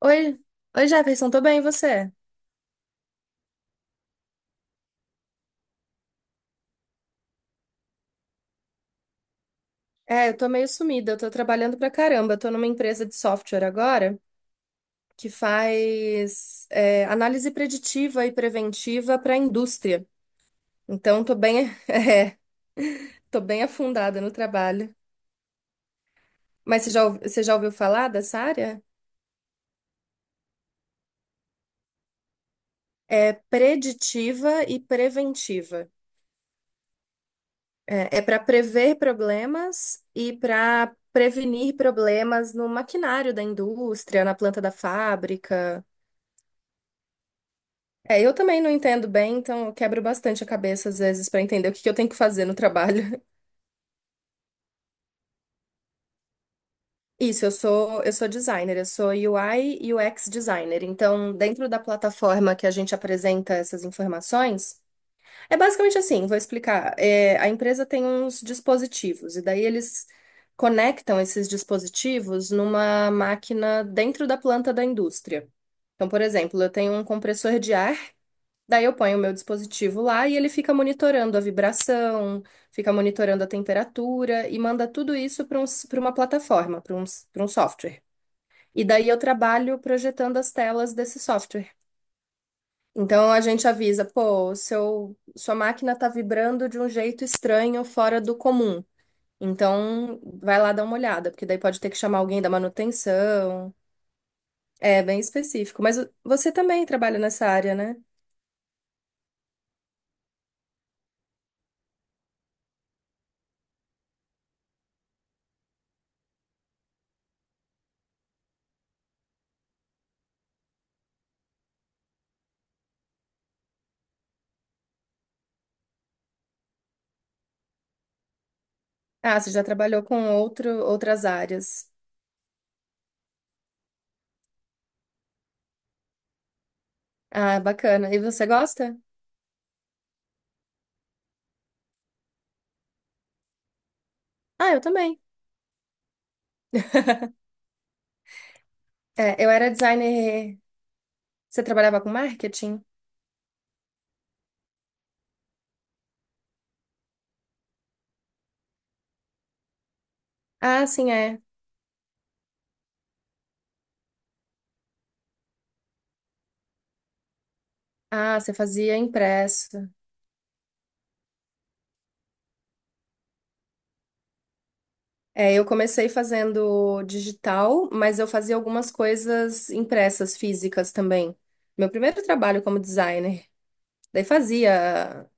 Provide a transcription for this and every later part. Oi, Jefferson, tô bem, e você? Eu tô meio sumida, eu tô trabalhando pra caramba. Eu tô numa empresa de software agora que faz análise preditiva e preventiva pra indústria. Então, tô bem, tô bem afundada no trabalho. Mas você já ouviu falar dessa área? É preditiva e preventiva. É, é para prever problemas e para prevenir problemas no maquinário da indústria, na planta da fábrica. É, eu também não entendo bem, então eu quebro bastante a cabeça às vezes para entender o que que eu tenho que fazer no trabalho. Isso, eu sou designer, eu sou UI e UX designer. Então, dentro da plataforma que a gente apresenta essas informações, é basicamente assim, vou explicar. A empresa tem uns dispositivos e daí eles conectam esses dispositivos numa máquina dentro da planta da indústria. Então, por exemplo, eu tenho um compressor de ar. Daí eu ponho o meu dispositivo lá e ele fica monitorando a vibração, fica monitorando a temperatura e manda tudo isso para uma plataforma, para um software. E daí eu trabalho projetando as telas desse software. Então a gente avisa, pô, sua máquina está vibrando de um jeito estranho, fora do comum. Então vai lá dar uma olhada, porque daí pode ter que chamar alguém da manutenção. É bem específico. Mas você também trabalha nessa área, né? Ah, você já trabalhou com outras áreas. Ah, bacana. E você gosta? Ah, eu também. É, eu era designer. Você trabalhava com marketing? Ah, sim, é. Ah, você fazia impresso. É, eu comecei fazendo digital, mas eu fazia algumas coisas impressas, físicas também. Meu primeiro trabalho como designer. Daí fazia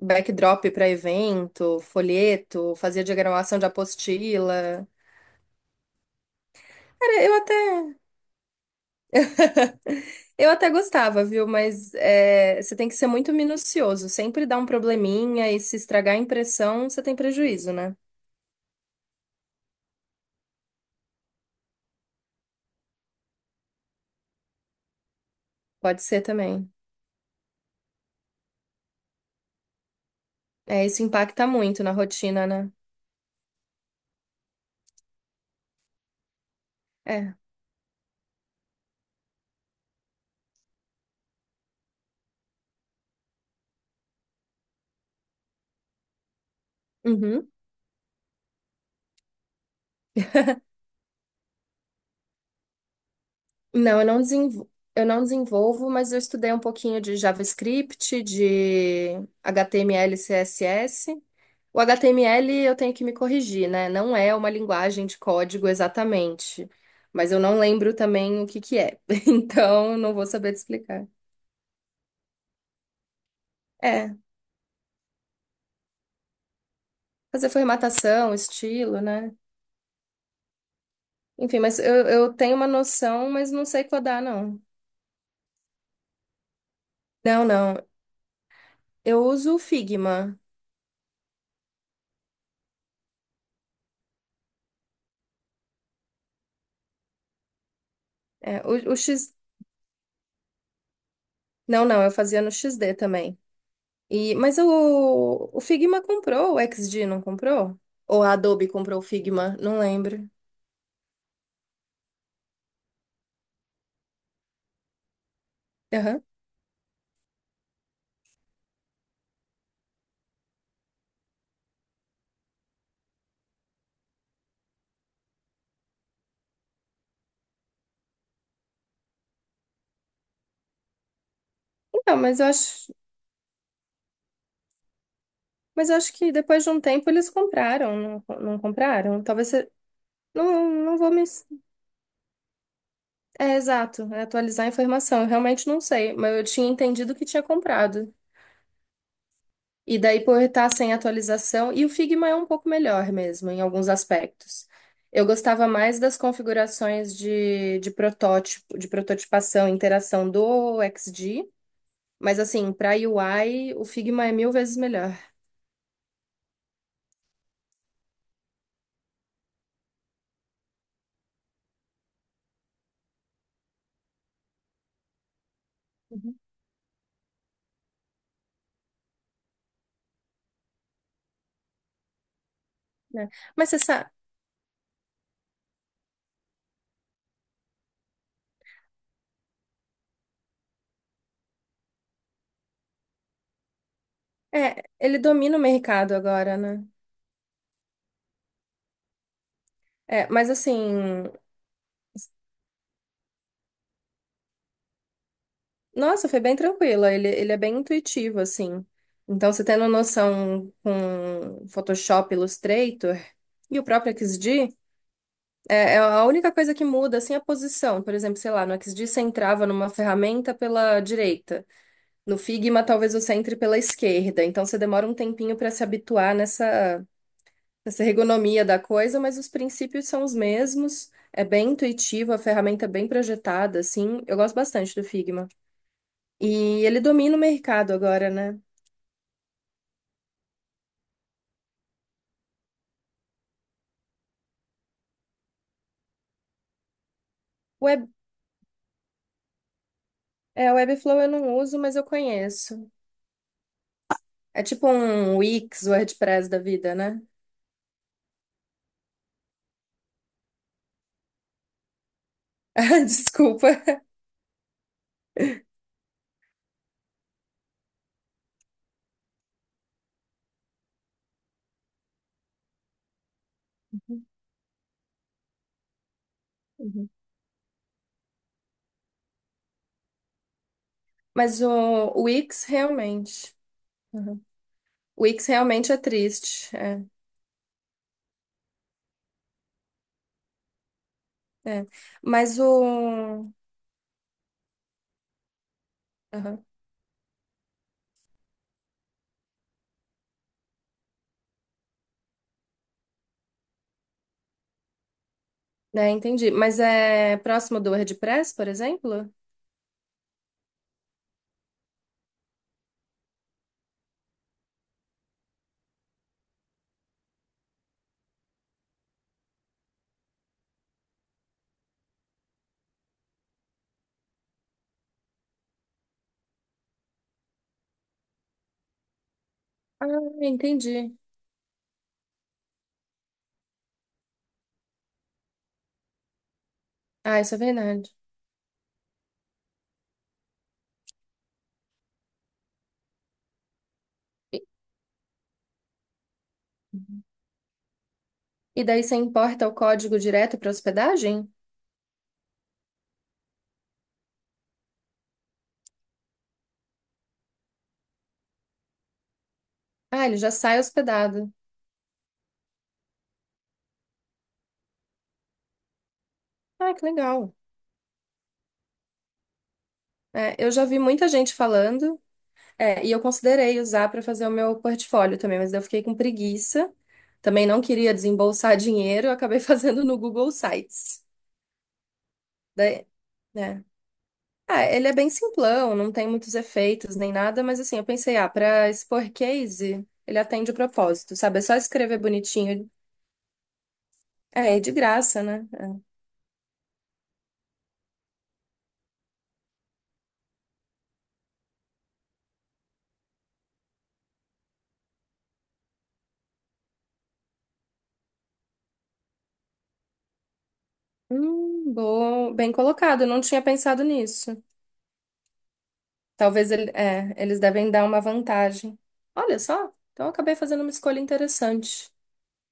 backdrop para evento, folheto, fazia diagramação de apostila. Cara, eu até Eu até gostava, viu? Mas é, você tem que ser muito minucioso. Sempre dá um probleminha e se estragar a impressão, você tem prejuízo, né? Pode ser também. É, isso impacta muito na rotina, né? É. Uhum. Não, eu não desenvolvo, mas eu estudei um pouquinho de JavaScript, de HTML, CSS. O HTML eu tenho que me corrigir, né? Não é uma linguagem de código exatamente, mas eu não lembro também o que que é. Então, não vou saber te explicar. É. Fazer formatação, estilo, né? Enfim, eu tenho uma noção, mas não sei codar, não. Não, não. Eu uso o Figma. O X... Não, não, eu fazia no X D também. E, mas o Figma comprou, o X D não comprou? Ou a Adobe comprou o Figma? Não lembro. Aham. Então, mas eu acho que depois de um tempo eles compraram, não compraram? Talvez você... Não, não vou me... É, exato, é atualizar a informação. Eu realmente não sei, mas eu tinha entendido que tinha comprado. E daí por estar sem atualização, e o Figma é um pouco melhor mesmo, em alguns aspectos. Eu gostava mais das configurações de protótipo, de prototipação, interação do XD, mas assim, para UI, o Figma é mil vezes melhor. Uhum. Né? Mas você sabe, ele domina o mercado agora, né? É, mas assim, nossa, foi bem tranquila, ele é bem intuitivo, assim. Então, você tendo noção com Photoshop, Illustrator e o próprio XD, é, é a única coisa que muda, assim, a posição. Por exemplo, sei lá, no XD você entrava numa ferramenta pela direita. No Figma, talvez você entre pela esquerda. Então, você demora um tempinho para se habituar nessa ergonomia da coisa, mas os princípios são os mesmos. É bem intuitivo, a ferramenta é bem projetada, assim. Eu gosto bastante do Figma. E ele domina o mercado agora, né? Web, é, o Webflow eu não uso, mas eu conheço. É tipo um Wix, WordPress da vida, né? Desculpa. Mas o o Wix realmente. Uhum. O Wix realmente é triste. É, é. Mas o. Uhum. É, entendi. Mas é próximo do WordPress, por exemplo? Ah, entendi. Ah, isso é verdade. E e daí você importa o código direto para hospedagem? Ah, ele já sai hospedado. Ah, que legal. É, eu já vi muita gente falando. É, e eu considerei usar para fazer o meu portfólio também, mas eu fiquei com preguiça. Também não queria desembolsar dinheiro, eu acabei fazendo no Google Sites. Daí, né? Ah, ele é bem simplão, não tem muitos efeitos nem nada, mas assim, eu pensei, ah, para expor case, ele atende o propósito, sabe? É só escrever bonitinho. É, e de graça, né? É. Bom, bem colocado, eu não tinha pensado nisso. Talvez ele, é, eles devem dar uma vantagem. Olha só, então eu acabei fazendo uma escolha interessante.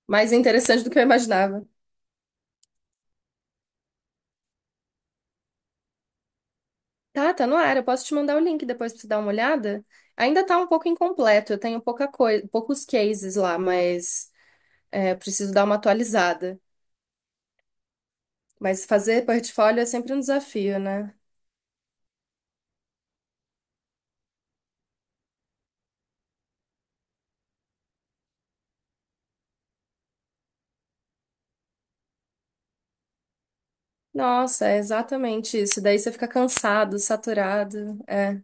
Mais interessante do que eu imaginava. Tá, tá no ar. Eu posso te mandar o link depois pra você dar uma olhada. Ainda tá um pouco incompleto. Eu tenho pouca coisa, poucos cases lá, mas é, eu preciso dar uma atualizada. Mas fazer portfólio é sempre um desafio, né? Nossa, é exatamente isso. Daí você fica cansado, saturado. É.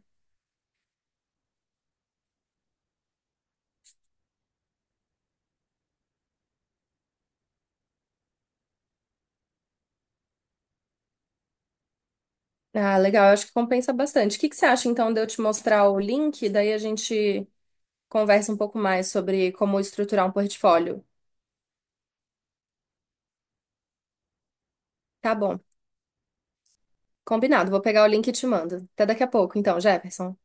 Ah, legal. Eu acho que compensa bastante. O que que você acha, então, de eu te mostrar o link? Daí a gente conversa um pouco mais sobre como estruturar um portfólio. Tá bom. Combinado, vou pegar o link e te mando. Até daqui a pouco, então, Jefferson.